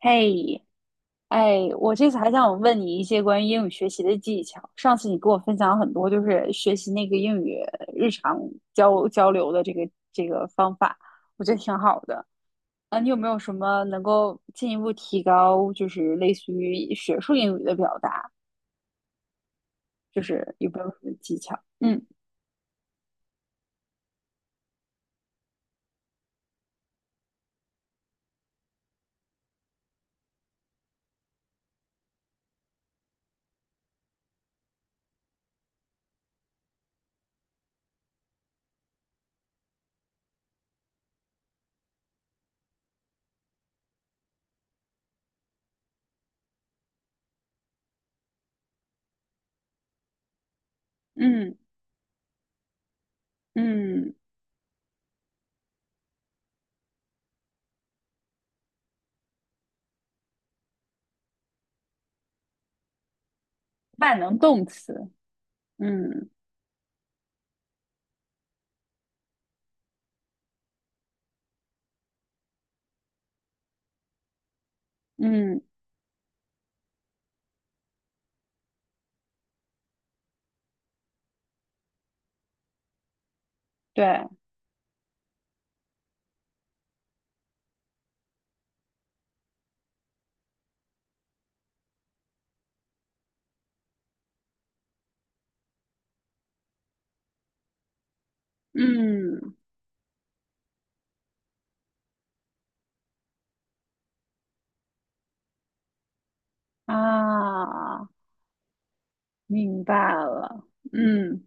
嘿，哎，我这次还想问你一些关于英语学习的技巧。上次你给我分享了很多，就是学习那个英语日常交流的这个方法，我觉得挺好的。啊，你有没有什么能够进一步提高，就是类似于学术英语的表达，就是有没有什么技巧？嗯嗯嗯，万能动词。嗯嗯，对，嗯啊，明白了。嗯。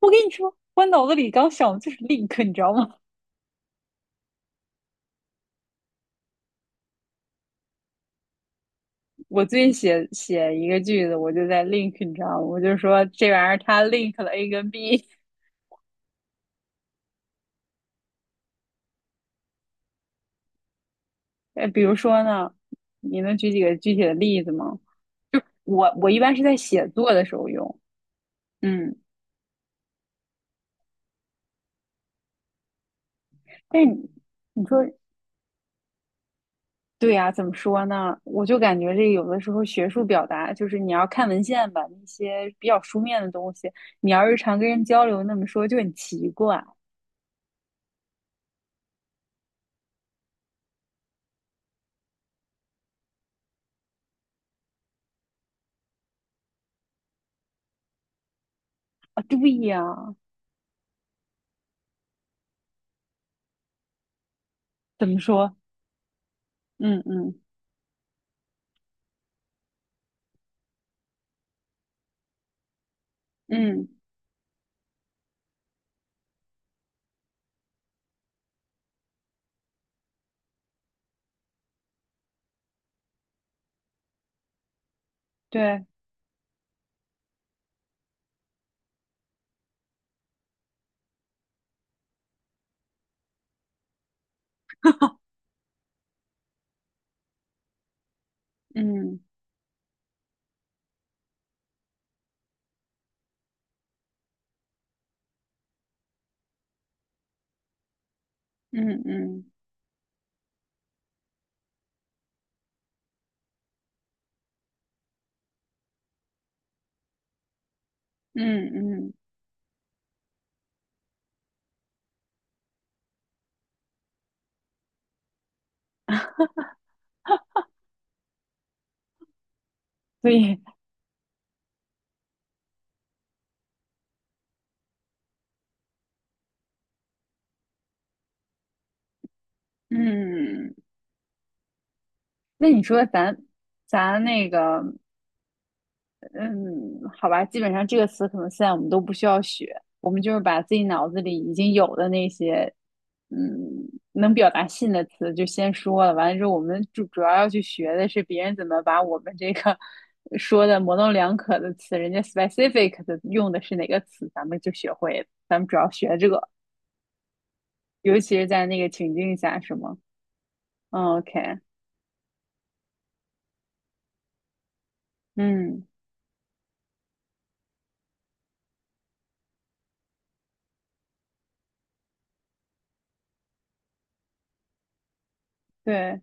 我跟你说，我脑子里刚想的就是 link，你知道吗？我最近写一个句子，我就在 link，你知道吗？我就说这玩意儿它 link 了 A 跟 B。比如说呢，你能举几个具体的例子吗？我一般是在写作的时候用。嗯，但是你说对呀、怎么说呢？我就感觉这有的时候学术表达就是你要看文献吧，那些比较书面的东西，你要日常跟人交流那么说就很奇怪啊。对呀、怎么说？嗯嗯。嗯，对，嗯嗯嗯嗯嗯，所以嗯，那你说咱那个嗯，好吧。基本上这个词可能现在我们都不需要学，我们就是把自己脑子里已经有的那些嗯能表达信的词就先说了，完了之后我们主要去学的是别人怎么把我们这个说的模棱两可的词，人家 specific 的用的是哪个词，咱们就学会了，咱们主要学这个。尤其是在那个情境下，是吗？嗯，OK，嗯，对，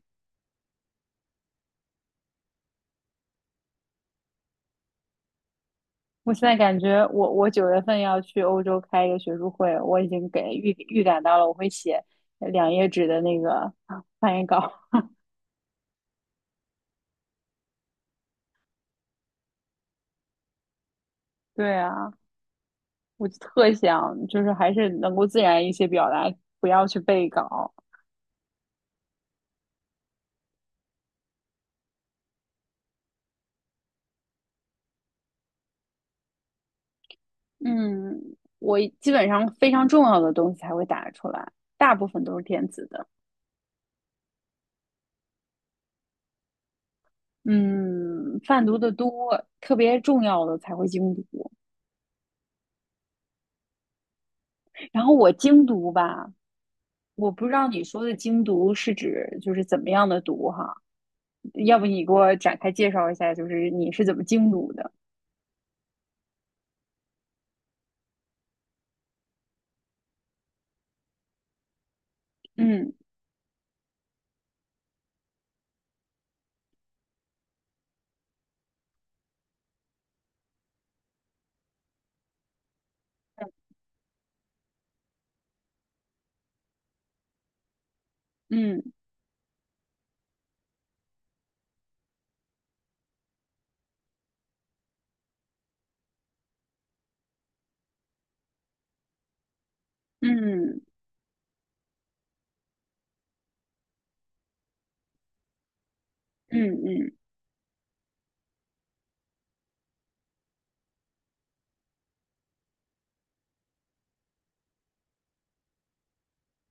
我现在感觉我九月份要去欧洲开一个学术会，我已经给预感到了，我会写两页纸的那个啊翻译稿。对啊，我就特想就是还是能够自然一些表达，不要去背稿。嗯，我基本上非常重要的东西才会打出来，大部分都是电子的。嗯，泛读的多，特别重要的才会精读。然后我精读吧，我不知道你说的精读是指就是怎么样的读哈，要不你给我展开介绍一下，就是你是怎么精读的？嗯嗯嗯嗯嗯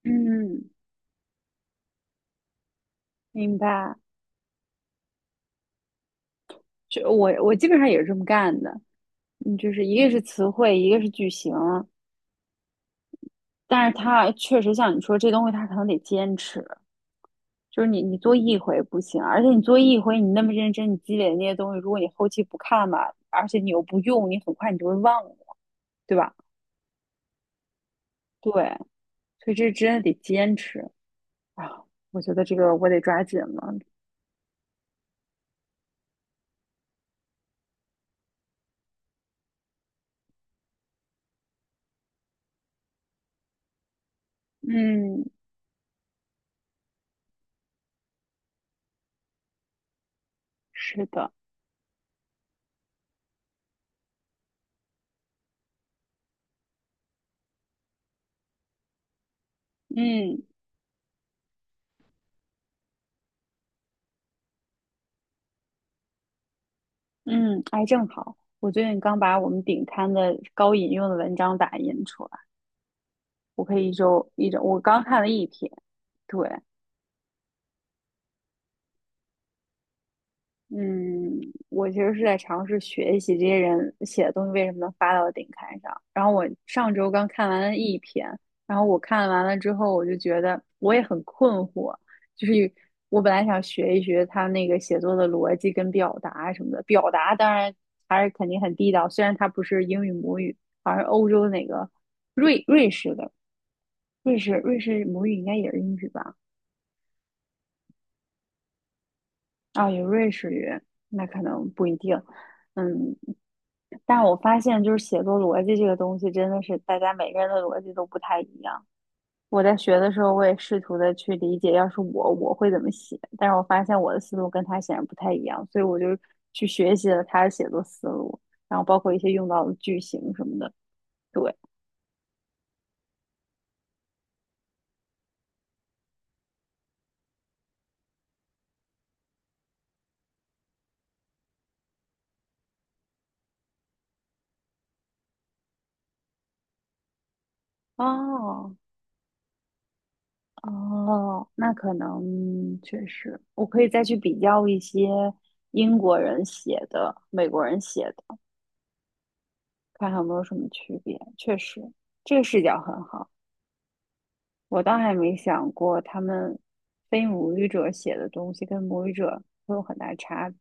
嗯，明白。就我基本上也是这么干的，嗯，就是一个是词汇，一个是句型，但是它确实像你说这东西，它可能得坚持。就是你，你做一回不行，而且你做一回，你那么认真，你积累的那些东西，如果你后期不看吧，而且你又不用，你很快你就会忘了。对吧？对，所以这真的得坚持啊！我觉得这个我得抓紧了。嗯，是的，嗯嗯，哎，正好，我最近刚把我们顶刊的高引用的文章打印出来，我可以一周一周，我刚看了一篇，对，嗯，我其实是在尝试学习这些人写的东西为什么能发到顶刊上。然后我上周刚看完了一篇，然后我看完了之后，我就觉得我也很困惑，就是我本来想学一学他那个写作的逻辑跟表达什么的，表达当然还是肯定很地道，虽然他不是英语母语，好像是欧洲哪个瑞士的，瑞士母语应该也是英语吧。啊，有瑞士语，那可能不一定。嗯，但我发现就是写作逻辑这个东西，真的是大家每个人的逻辑都不太一样。我在学的时候，我也试图的去理解，要是我会怎么写，但是我发现我的思路跟他显然不太一样，所以我就去学习了他的写作思路，然后包括一些用到的句型什么的。对，哦哦，那可能确实，我可以再去比较一些英国人写的、美国人写的。看看有没有什么区别。确实，这个视角很好，我倒还没想过他们非母语者写的东西跟母语者会有很大差别。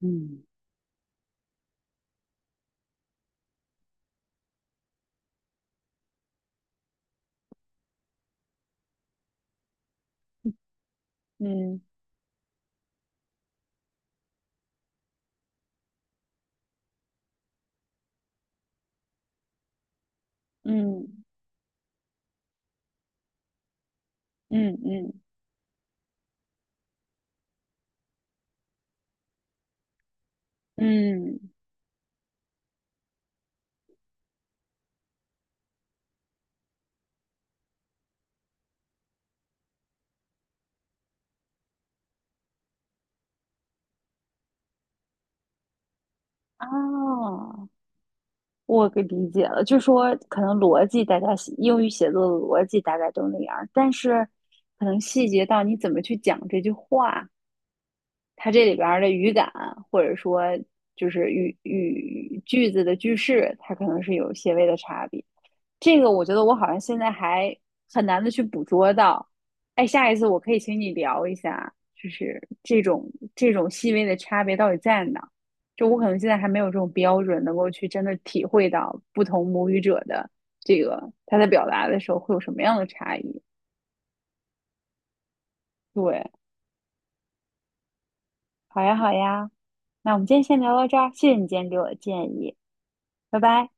嗯，嗯嗯嗯嗯嗯，啊，我给理解了，就说可能逻辑大家写英语写作的逻辑大概都那样儿，但是可能细节到你怎么去讲这句话，它这里边儿的语感，或者说就是语句子的句式，它可能是有些微的差别。这个我觉得我好像现在还很难的去捕捉到。哎，下一次我可以请你聊一下，就是这种细微的差别到底在哪？就我可能现在还没有这种标准，能够去真的体会到不同母语者的这个他在表达的时候会有什么样的差异。对，好呀，好呀，那我们今天先聊到这儿，谢谢你今天给我的建议，拜拜。